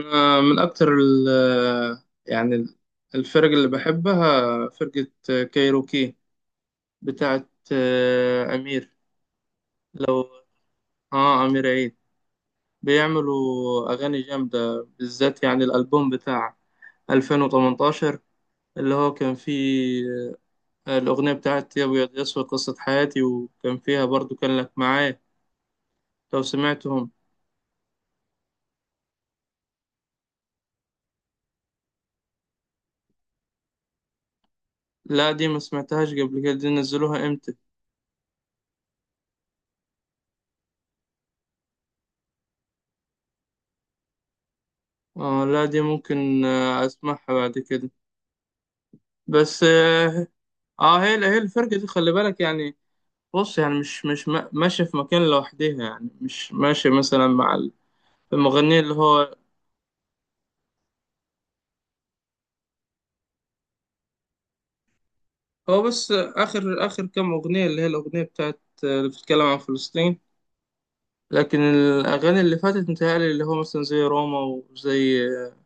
أنا من أكتر يعني الفرق اللي بحبها فرقة كايروكي بتاعت أمير لو آه أمير عيد. بيعملوا أغاني جامدة، بالذات يعني الألبوم بتاع 2018 اللي هو كان فيه الأغنية بتاعت يا أبيض يا أسود، قصة حياتي، وكان فيها برضو كان لك معايا، لو سمعتهم. لا، دي ما سمعتهاش قبل كده. دي نزلوها إمتى؟ آه، لا دي ممكن أسمعها بعد كده. بس هي الفرقة دي، خلي بالك يعني. بص يعني مش مش ما- ماشية في مكان لوحدها، يعني مش ماشية مثلا مع المغنية، اللي هو هو بس آخر آخر كام أغنية اللي هي الأغنية بتاعت اللي بتتكلم عن فلسطين. لكن الأغاني اللي فاتت متهيألي اللي هو مثلا زي روما، وزي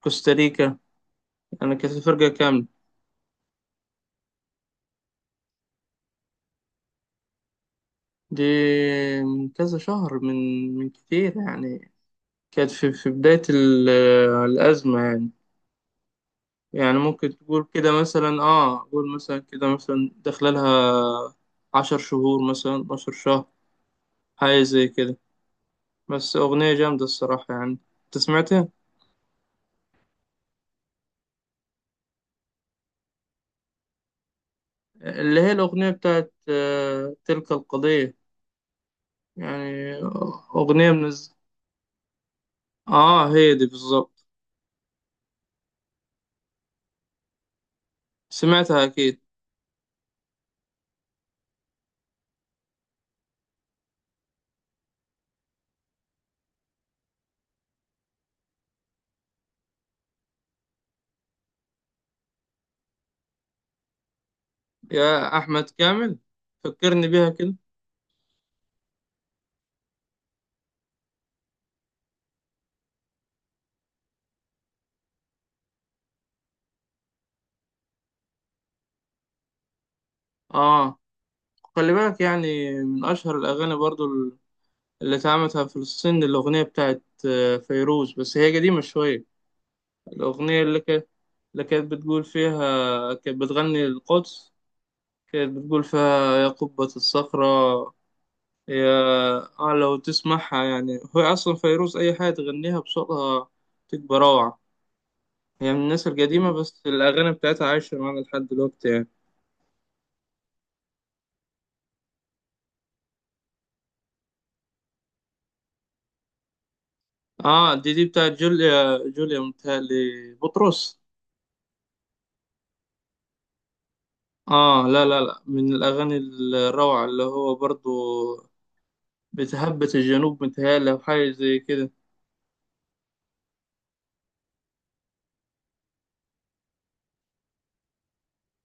كوستاريكا، يعني كانت فرقة كاملة. دي من كذا شهر، من كتير يعني. كانت في بداية الأزمة يعني. يعني ممكن تقول كده مثلا، قول مثلا كده، مثلا داخله لها 10 شهور، مثلا 10 شهر، حاجة زي كده. بس أغنية جامدة الصراحة يعني. أنت سمعتها؟ اللي هي الأغنية بتاعت تلك القضية. يعني أغنية من. اه، هي دي بالظبط. سمعتها أكيد. يا أحمد كامل، فكرني بيها كده. اه، خلي بالك يعني، من أشهر الأغاني برضو اللي اتعملت في فلسطين، الأغنية بتاعت فيروز، بس هي قديمة شوية. الأغنية اللي كانت بتقول فيها، كانت بتغني القدس. كانت بتقول فيها: يا قبة الصخرة، يا آه، لو تسمعها يعني، هو أصلا فيروز أي حاجة تغنيها بصوتها تبقى روعة. هي من الناس القديمة، بس الأغاني بتاعتها عايشة معانا لحد دلوقتي يعني. آه، دي بتاعت جوليا متهيألي، بطرس. آه، لا لا لا، من الأغاني الروعة اللي هو برضو بتهبس الجنوب متهيألي، أو حاجة زي كده.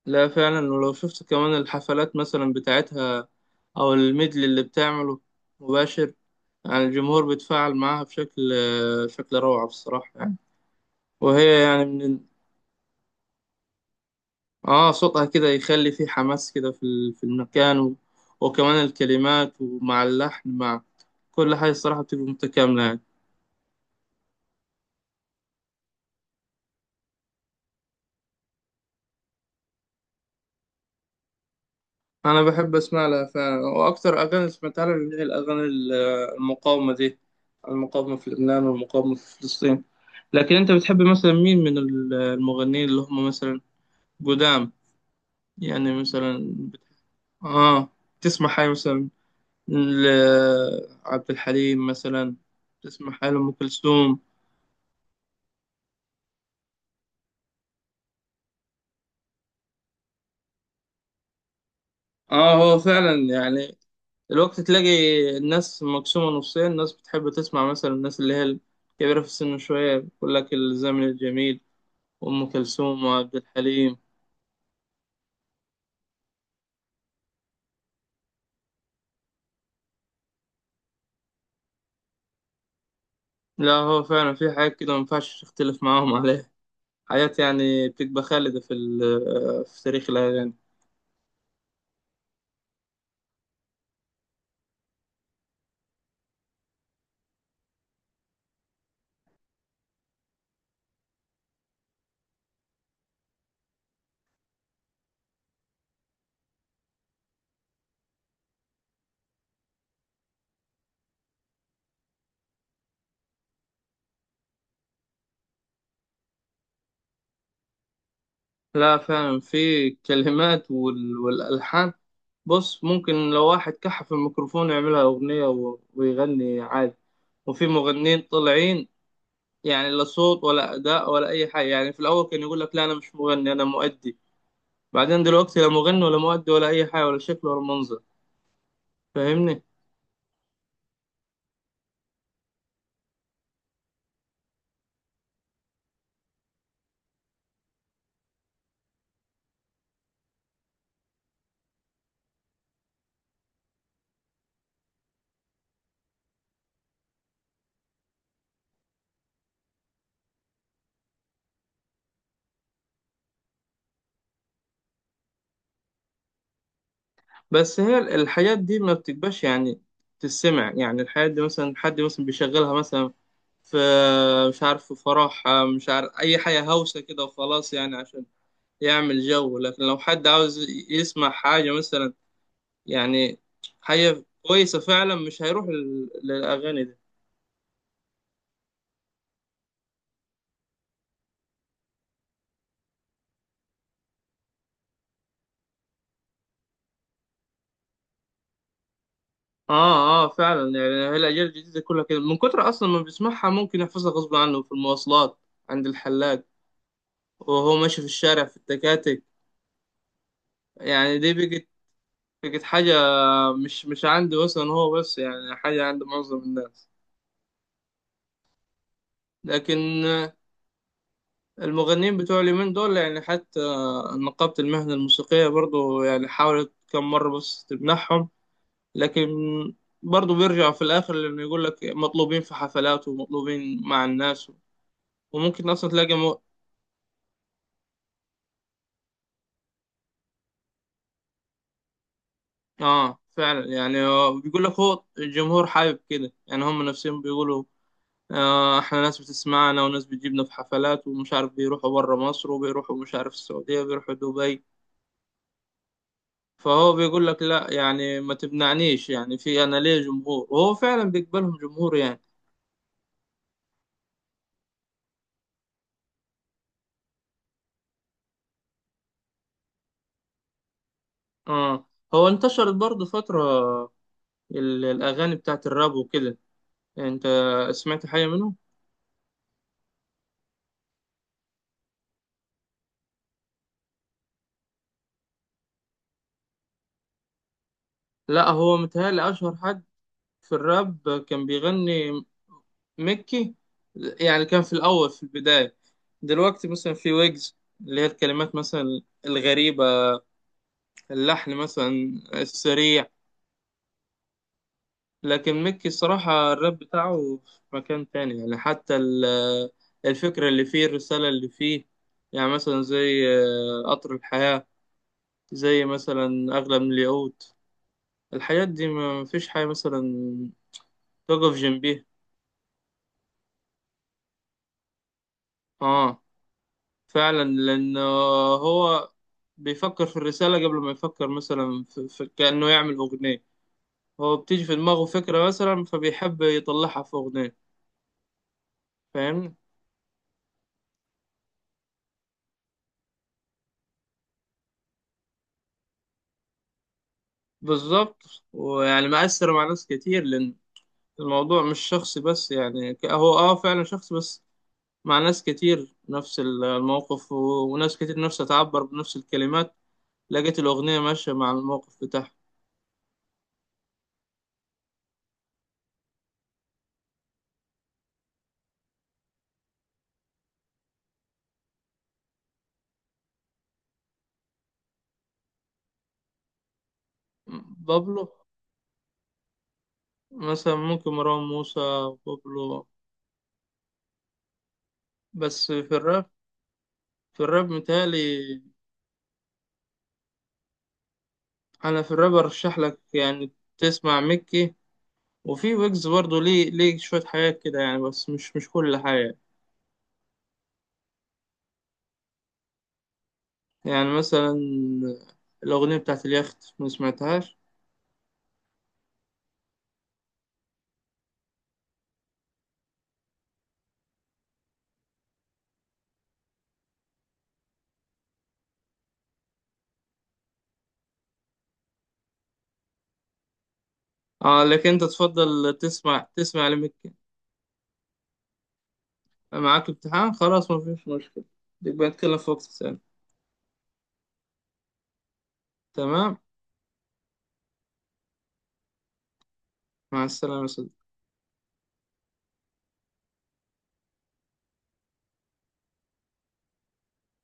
لا، فعلا، ولو شفت كمان الحفلات مثلا بتاعتها، أو الميدل اللي بتعمله مباشر، يعني الجمهور بيتفاعل معاها بشكل روعة بصراحة يعني. وهي يعني آه، صوتها كده يخلي فيه حماس كده في المكان. وكمان الكلمات، ومع اللحن، مع كل حاجة الصراحة بتبقى متكاملة يعني. انا بحب اسمع لها فعلا، واكتر اغاني سمعتها لها اللي هي الاغاني المقاومه دي، المقاومه في لبنان والمقاومه في فلسطين. لكن انت بتحب مثلا مين من المغنيين، اللي هم مثلا قدام، يعني مثلا اه، تسمع حاجه مثلا لعبد الحليم مثلا، تسمع حاجه لام كلثوم؟ اه، هو فعلا يعني، الوقت تلاقي الناس مقسومة نصين، ناس بتحب تسمع مثلا الناس اللي هي الكبيرة في السن شوية، بيقول لك الزمن الجميل وأم كلثوم وعبد الحليم. لا، هو فعلا في حاجات كده ما ينفعش تختلف معاهم عليها، حاجات يعني بتبقى خالدة في تاريخ الأغاني. لا، فعلا، في كلمات والألحان. بص، ممكن لو واحد كحف الميكروفون يعملها أغنية ويغني عادي. وفي مغنيين طالعين يعني لا صوت ولا أداء ولا أي حاجة، يعني في الأول كان يقول لك: لا أنا مش مغني، أنا مؤدي. بعدين دلوقتي لا مغني ولا مؤدي ولا أي حاجة، ولا شكل ولا منظر. فاهمني؟ بس هي الحاجات دي ما بتبقاش يعني تسمع، يعني الحاجات دي مثلا حد مثلا بيشغلها مثلا في، مش عارف، في فرح، مش عارف أي حاجة، هوسة كده وخلاص، يعني عشان يعمل جو. لكن لو حد عاوز يسمع حاجة مثلا، يعني حاجة كويسة فعلا، مش هيروح للأغاني دي. اه اه، فعلا يعني، هي الأجيال الجديدة كلها كده، من كتر أصلا ما بيسمعها ممكن يحفظها غصب عنه في المواصلات، عند الحلاق، وهو ماشي في الشارع، في التكاتك، يعني دي بقت حاجة، مش عندي مثلا هو بس، يعني حاجة عند معظم الناس. لكن المغنيين بتوع اليومين دول يعني، حتى نقابة المهنة الموسيقية برضو يعني حاولت كم مرة بس تمنحهم، لكن برضو بيرجعوا في الآخر لأنه يقول لك مطلوبين في حفلات ومطلوبين مع الناس، وممكن أصلا تلاقي آه، فعلا يعني، بيقول لك هو الجمهور حابب كده، يعني هم نفسهم بيقولوا: احنا ناس بتسمعنا وناس بتجيبنا في حفلات، ومش عارف بيروحوا بره مصر، وبيروحوا مش عارف السعودية، بيروحوا دبي. فهو بيقول لك لا، يعني ما تمنعنيش، يعني في، انا ليه جمهور، وهو فعلا بيقبلهم جمهور يعني. اه، هو انتشرت برضه فترة الاغاني بتاعت الراب وكده. انت سمعت حاجة منهم؟ لا، هو متهيألي اشهر حد في الراب كان بيغني، مكي. يعني كان في الاول، في البداية، دلوقتي مثلا في ويجز اللي هي الكلمات مثلا الغريبة، اللحن مثلا السريع. لكن ميكي الصراحة الراب بتاعه في مكان تاني، يعني حتى الفكرة اللي فيه، الرسالة اللي فيه، يعني مثلا زي قطر الحياة، زي مثلا أغلى من الياقوت، الحاجات دي ما فيش حاجة مثلا تقف جنبيها. اه، فعلا، لأن هو بيفكر في الرسالة قبل ما يفكر مثلا في كأنه يعمل أغنية. هو بتيجي في دماغه فكرة مثلا، فبيحب يطلعها في أغنية، فاهمني؟ بالظبط. ويعني مأثر مع ناس كتير، لأن الموضوع مش شخصي، بس يعني هو فعلا شخصي، بس مع ناس كتير نفس الموقف، وناس كتير نفسها تعبر بنفس الكلمات، لقيت الأغنية ماشية مع الموقف بتاعها. بابلو، مثلا ممكن مروان موسى، بابلو بس في الراب، في الراب متهيألي. أنا في الراب أرشح لك يعني تسمع ميكي. وفي ويجز برضه ليه شوية حاجات كده يعني، بس مش كل حاجة. يعني مثلا الأغنية بتاعت اليخت، ما سمعتهاش؟ اه، لكن انت تفضل تسمع لمكة. معاك امتحان؟ خلاص، ما فيش مشكلة، نبقى نتكلم في وقت تاني. تمام. مع السلامة يا صديقي.